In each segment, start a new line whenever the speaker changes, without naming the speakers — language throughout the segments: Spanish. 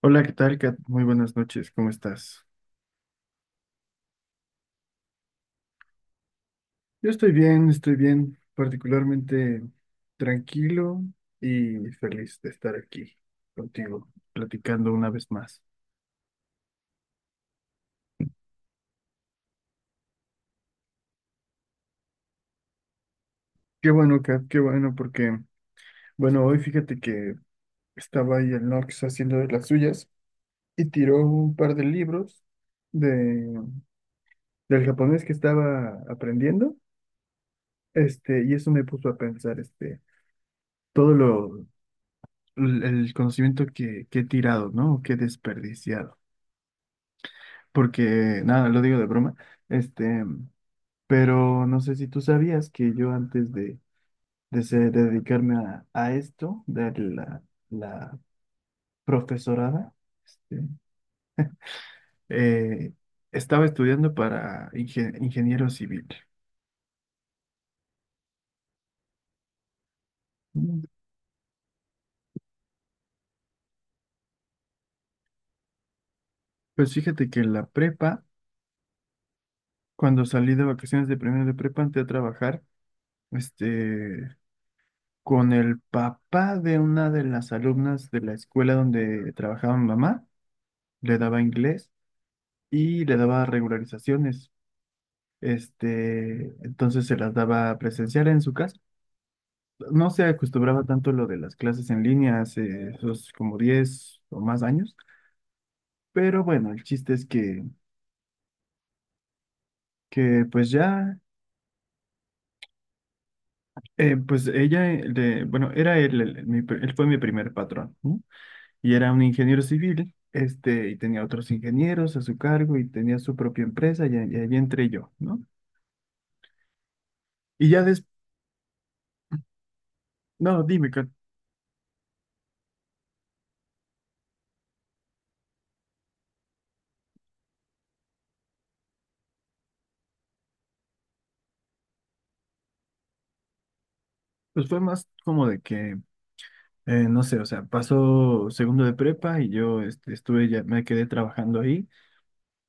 Hola, ¿qué tal, Kat? Muy buenas noches, ¿cómo estás? Yo estoy bien, particularmente tranquilo y feliz de estar aquí contigo, platicando una vez más. Qué bueno, Kat, qué bueno, porque, bueno, hoy fíjate que estaba ahí el Nox haciendo de las suyas y tiró un par de libros de, del japonés que estaba aprendiendo, y eso me puso a pensar, todo lo, el conocimiento que he tirado, ¿no? Que he desperdiciado. Porque nada, lo digo de broma, este, pero no sé si tú sabías que yo antes de, de dedicarme a esto, de la, la profesorada, este, eh, estaba estudiando para ingeniero civil. Mm. Pues fíjate que en la prepa, cuando salí de vacaciones de primero de prepa, entré a trabajar, este, con el papá de una de las alumnas de la escuela donde trabajaba mi mamá, le daba inglés. Y le daba regularizaciones. Este, entonces se las daba presencial en su casa. No se acostumbraba tanto lo de las clases en línea hace esos como 10 o más años, pero bueno, el chiste es que pues ya, pues ella, bueno, era él, él fue mi primer patrón, ¿no? Y era un ingeniero civil, y tenía otros ingenieros a su cargo y tenía su propia empresa y, ahí entré yo, ¿no? Y ya después, no, dime, Kat, pues fue más como de que no sé, o sea, pasó segundo de prepa y yo estuve ya, me quedé trabajando ahí.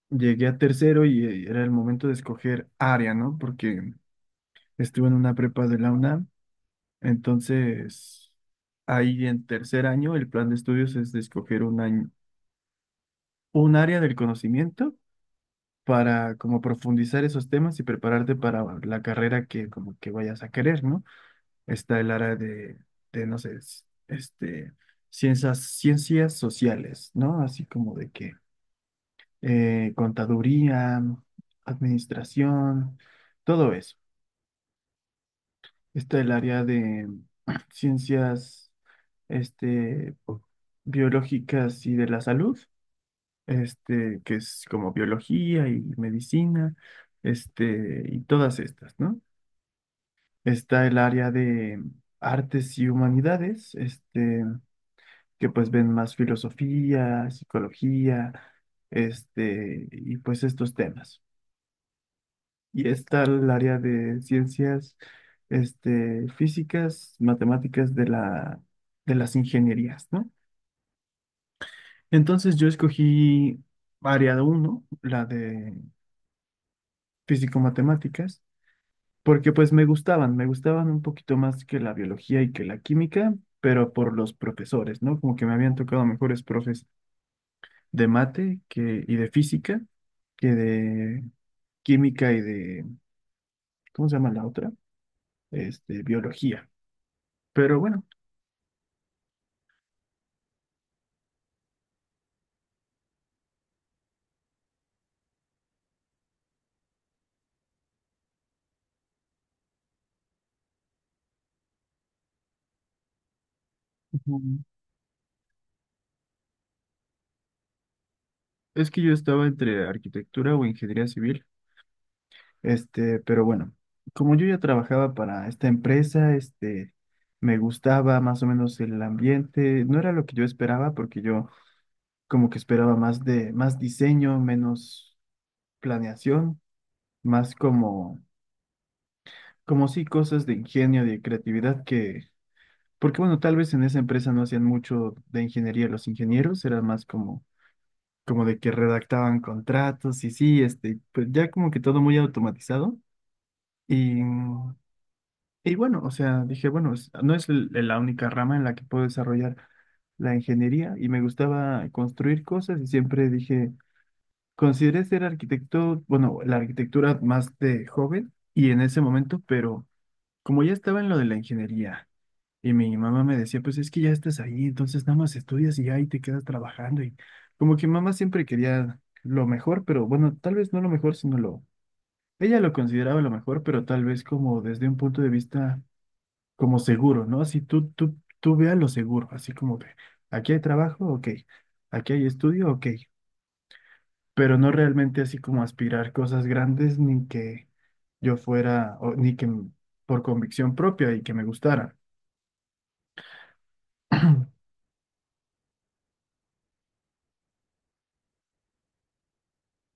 Llegué a tercero y era el momento de escoger área, ¿no? Porque estuve en una prepa de la UNAM. Entonces, ahí en tercer año, el plan de estudios es de escoger un año, un área del conocimiento para como profundizar esos temas y prepararte para la carrera que como que vayas a querer, ¿no? Está el área de, no sé, ciencias, ciencias sociales, ¿no? Así como de que contaduría, administración, todo eso. Está el área de ciencias, este, biológicas y de la salud, que es como biología y medicina, y todas estas, ¿no? Está el área de artes y humanidades, que pues ven más filosofía, psicología, y pues estos temas. Y está el área de ciencias, físicas, matemáticas de la, de las ingenierías, ¿no? Entonces yo escogí área uno, la de físico-matemáticas, porque pues me gustaban un poquito más que la biología y que la química, pero por los profesores, ¿no? Como que me habían tocado mejores profes de mate que, y de física que de química y de, ¿cómo se llama la otra? Este, biología. Pero bueno, ujú, es que yo estaba entre arquitectura o ingeniería civil. Este, pero bueno, como yo ya trabajaba para esta empresa, me gustaba más o menos el ambiente. No era lo que yo esperaba porque yo como que esperaba más de, más diseño, menos planeación, más como, como sí cosas de ingenio, de creatividad que porque bueno, tal vez en esa empresa no hacían mucho de ingeniería los ingenieros, era más como, como de que redactaban contratos y sí, pues ya como que todo muy automatizado. Y, y bueno, o sea, dije, bueno, no es la única rama en la que puedo desarrollar la ingeniería y me gustaba construir cosas y siempre dije, consideré ser arquitecto, bueno, la arquitectura más de joven y en ese momento, pero como ya estaba en lo de la ingeniería y mi mamá me decía, pues es que ya estás ahí, entonces nada más estudias y ya ahí te quedas trabajando. Y como que mamá siempre quería lo mejor, pero bueno, tal vez no lo mejor, sino lo... Ella lo consideraba lo mejor, pero tal vez como desde un punto de vista como seguro, ¿no? Así tú veas lo seguro, así como que aquí hay trabajo, ok, aquí hay estudio, ok, pero no realmente así como aspirar cosas grandes ni que yo fuera, o, ni que por convicción propia y que me gustara.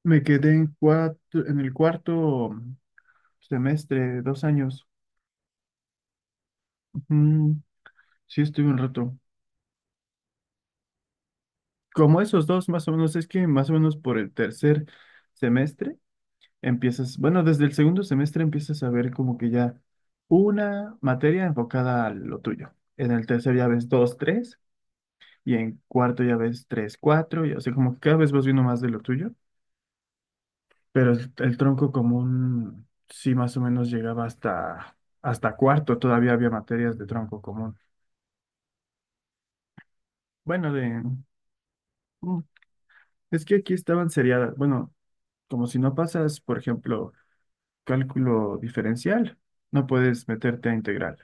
Me quedé en cuatro, en el cuarto semestre, dos años. Ujú, sí, estuve un rato. Como esos dos, más o menos, es que más o menos por el tercer semestre empiezas, bueno, desde el segundo semestre empiezas a ver como que ya una materia enfocada a lo tuyo. En el tercer ya ves dos, tres, y en cuarto ya ves tres, cuatro, y así como que cada vez vas viendo más de lo tuyo. Pero el tronco común sí más o menos llegaba hasta, hasta cuarto, todavía había materias de tronco común. Bueno, de, mm, es que aquí estaban seriadas, bueno, como si no pasas, por ejemplo, cálculo diferencial, no puedes meterte a integral.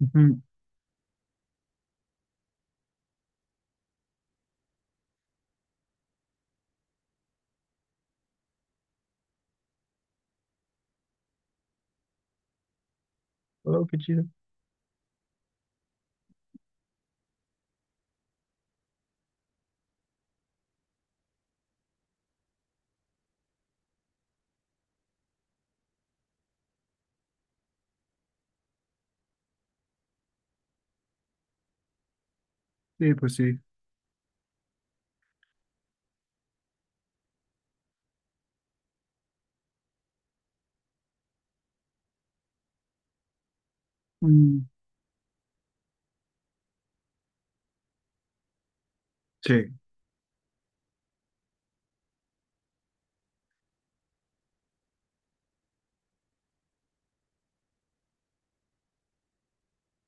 Ujú. Oh, qué chido. Sí, pues sí. Mm. Sí,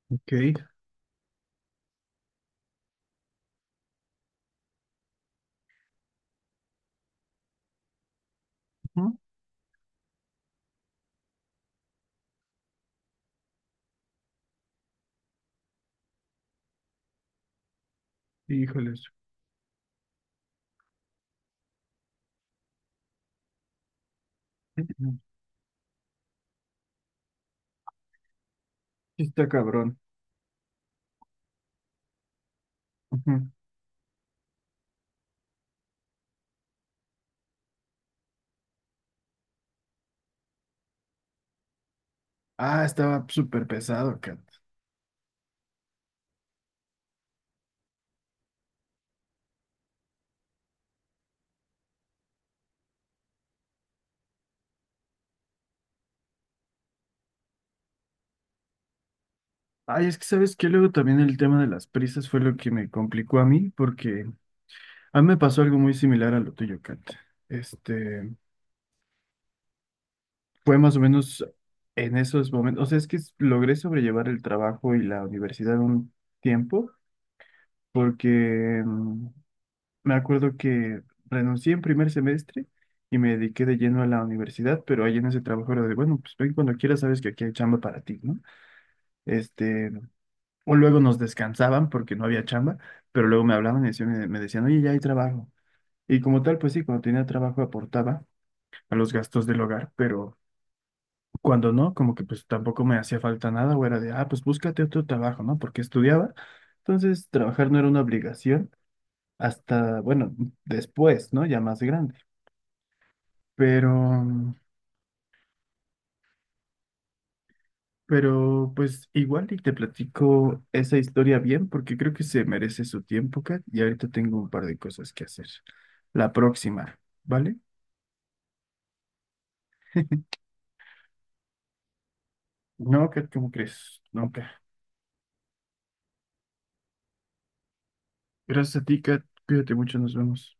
ok. Ujú. Híjoles. Ujú. Sí. Está cabrón. Ujú. Ah, estaba súper pesado, cabrón. Ay, es que sabes que luego también el tema de las prisas fue lo que me complicó a mí, porque a mí me pasó algo muy similar a lo tuyo, Kat. Este, fue más o menos en esos momentos, o sea, es que logré sobrellevar el trabajo y la universidad un tiempo, porque me acuerdo que renuncié en primer semestre y me dediqué de lleno a la universidad, pero ahí en ese trabajo era de, bueno, pues ven cuando quieras, sabes que aquí hay chamba para ti, ¿no? Este, o luego nos descansaban porque no había chamba, pero luego me hablaban y me decían, oye, ya hay trabajo. Y como tal, pues sí, cuando tenía trabajo aportaba a los gastos del hogar, pero cuando no, como que pues tampoco me hacía falta nada o era de, ah, pues búscate otro trabajo, ¿no? Porque estudiaba. Entonces, trabajar no era una obligación hasta, bueno, después, ¿no? Ya más grande. Pero Pero pues igual y te platico esa historia bien porque creo que se merece su tiempo, Kat, y ahorita tengo un par de cosas que hacer. La próxima, ¿vale? No, Kat, ¿cómo crees? No, Kat. Gracias a ti, Kat. Cuídate mucho, nos vemos.